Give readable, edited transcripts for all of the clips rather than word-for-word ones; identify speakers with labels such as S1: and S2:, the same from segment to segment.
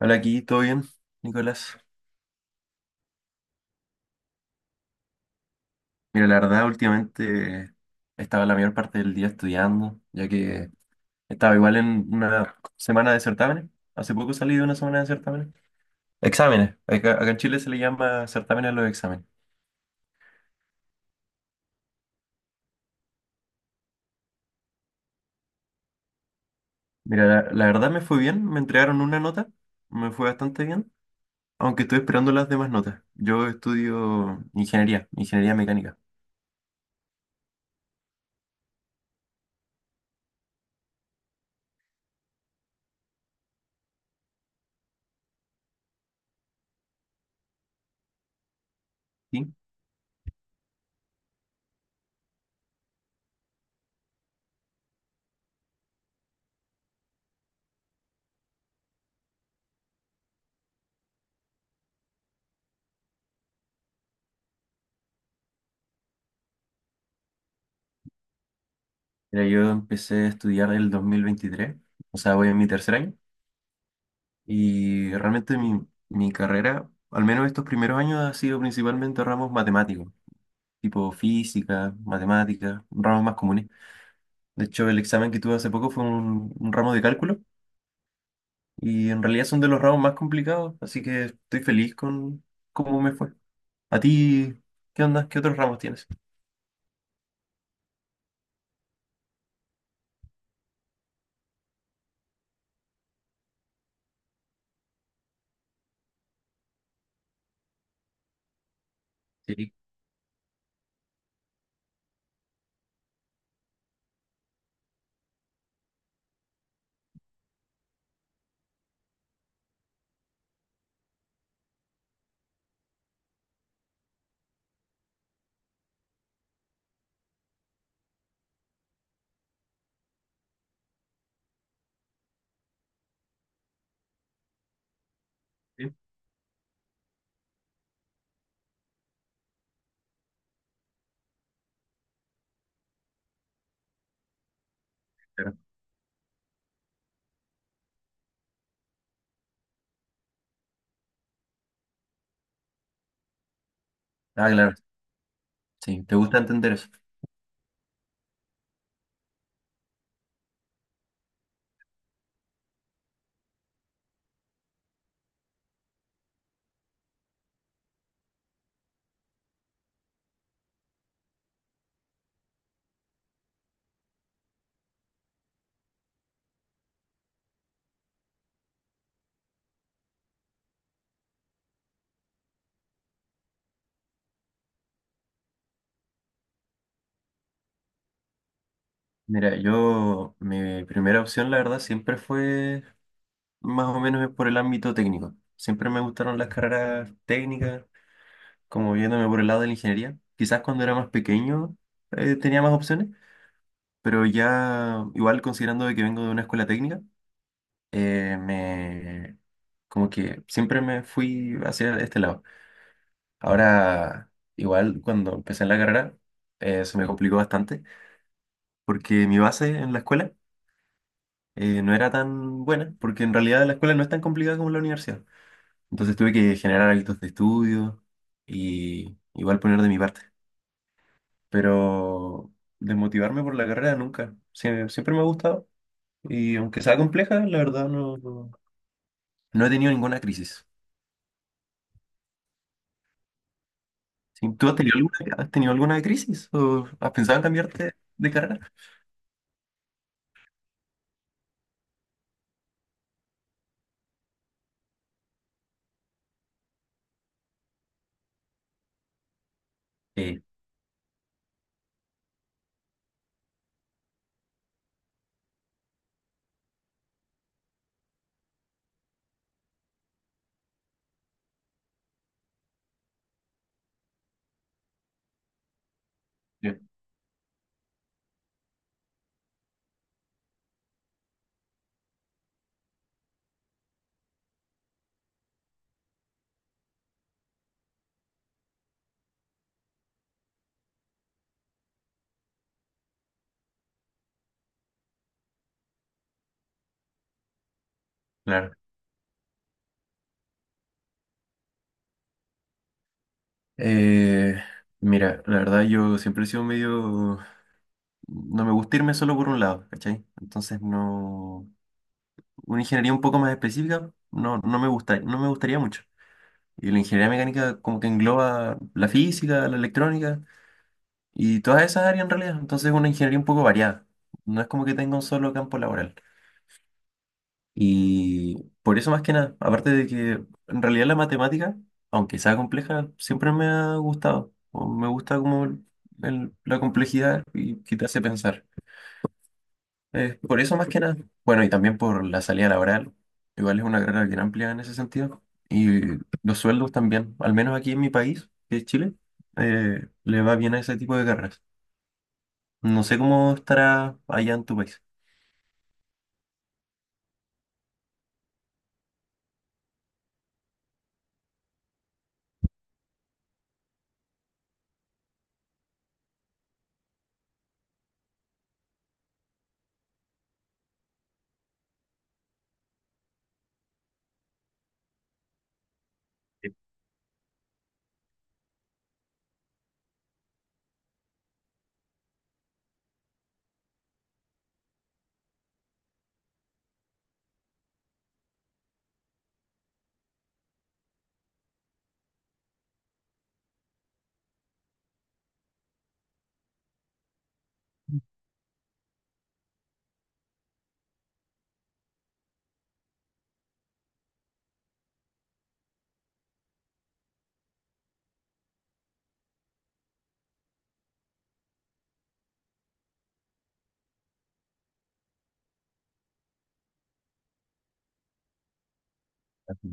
S1: Hola, aquí, ¿todo bien, Nicolás? Mira, la verdad, últimamente estaba la mayor parte del día estudiando, ya que estaba igual en una semana de certámenes. Hace poco salí de una semana de certámenes. Exámenes. Acá en Chile se le llama certámenes a los exámenes. Mira, la verdad me fue bien, me entregaron una nota, me fue bastante bien, aunque estoy esperando las demás notas. Yo estudio ingeniería, ingeniería mecánica. ¿Sí? Mira, yo empecé a estudiar el 2023, o sea, voy en mi tercer año. Y realmente mi carrera, al menos estos primeros años, ha sido principalmente ramos matemáticos, tipo física, matemáticas, ramos más comunes. De hecho, el examen que tuve hace poco fue un ramo de cálculo y en realidad son de los ramos más complicados, así que estoy feliz con cómo me fue. ¿A ti qué onda? ¿Qué otros ramos tienes? Sí, sí, claro. Ah, claro, sí, te gusta entender eso. Mira, yo, mi primera opción, la verdad, siempre fue. Más o menos es por el ámbito técnico. Siempre me gustaron las carreras técnicas, como viéndome por el lado de la ingeniería. Quizás cuando era más pequeño tenía más opciones, pero ya igual considerando de que vengo de una escuela técnica, me como que siempre me fui hacia este lado. Ahora, igual cuando empecé en la carrera, se me complicó bastante, porque mi base en la escuela no era tan buena, porque en realidad la escuela no es tan complicada como la universidad. Entonces tuve que generar hábitos de estudio y igual poner de mi parte. Pero desmotivarme por la carrera nunca. Siempre, me ha gustado. Y aunque sea compleja, la verdad no he tenido ninguna crisis. Sí, ¿tú has tenido alguna crisis? ¿O has pensado en cambiarte de carrera? Sí, sí, claro. Eh, mira, la verdad yo siempre he sido medio... No me gusta irme solo por un lado, ¿cachai? Entonces no... una ingeniería un poco más específica no, no me gusta, no me gustaría mucho. Y la ingeniería mecánica como que engloba la física, la electrónica y todas esas áreas en realidad. Entonces es una ingeniería un poco variada. No es como que tenga un solo campo laboral. Y por eso más que nada, aparte de que en realidad la matemática, aunque sea compleja, siempre me ha gustado. O me gusta como la complejidad y que te hace pensar. Por eso más que nada, bueno, y también por la salida laboral, igual es una carrera bien amplia en ese sentido, y los sueldos también, al menos aquí en mi país, que es Chile, le va bien a ese tipo de carreras. No sé cómo estará allá en tu país. Ujú.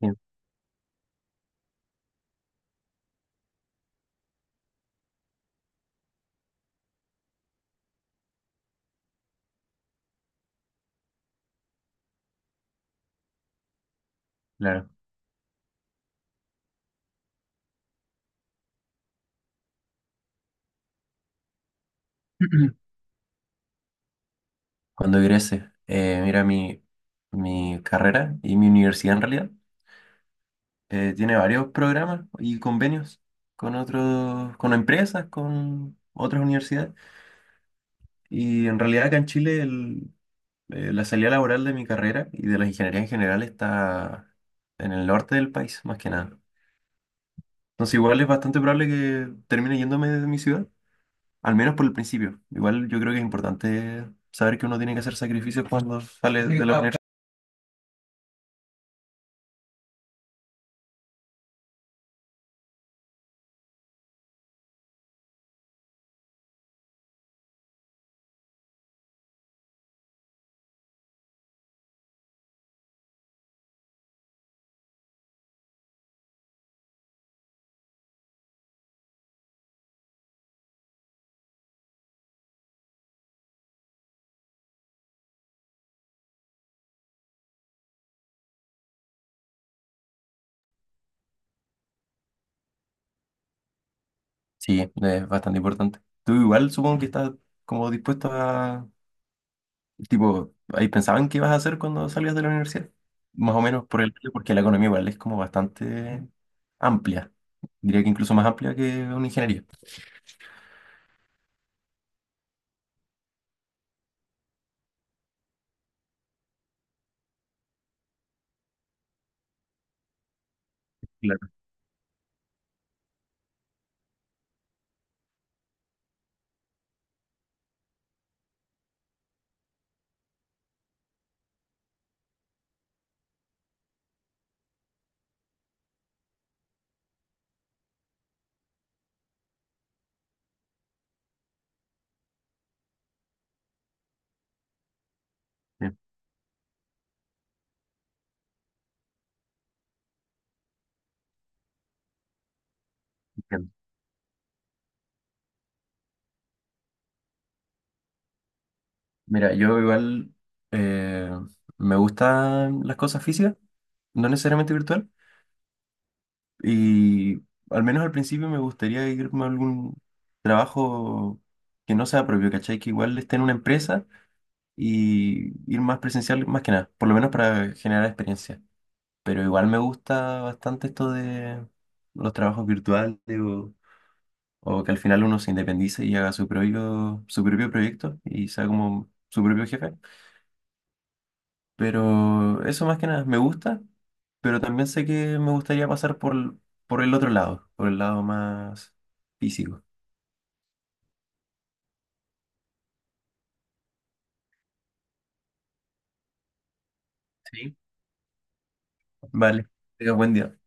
S1: Sí, claro. Cuando egrese, mira, mi carrera y mi universidad en realidad tiene varios programas y convenios con otros, con empresas, con otras universidades. Y en realidad acá en Chile la salida laboral de mi carrera y de las ingenierías en general está en el norte del país, más que nada. Entonces igual es bastante probable que termine yéndome de mi ciudad, al menos por el principio. Igual yo creo que es importante saber que uno tiene que hacer sacrificios cuando sale. Sí, de la universidad. Sí, es bastante importante. Tú igual supongo que estás como dispuesto a, tipo, ahí pensaban qué ibas a hacer cuando salías de la universidad, más o menos por el, porque la economía igual es como bastante amplia, diría que incluso más amplia que una ingeniería. Claro, sí, entiendo. Mira, yo igual eh, me gustan las cosas físicas, no necesariamente virtual, y al menos al principio me gustaría irme a algún trabajo que no sea propio, ¿cachai? Que igual esté en una empresa y ir más presencial más que nada, por lo menos para generar experiencia. Pero igual me gusta bastante esto de los trabajos virtuales o que al final uno se independice y haga su propio proyecto y sea como su propio jefe. Pero eso más que nada me gusta, pero también sé que me gustaría pasar por el otro lado, por el lado más físico. Sí. Vale, tenga buen día.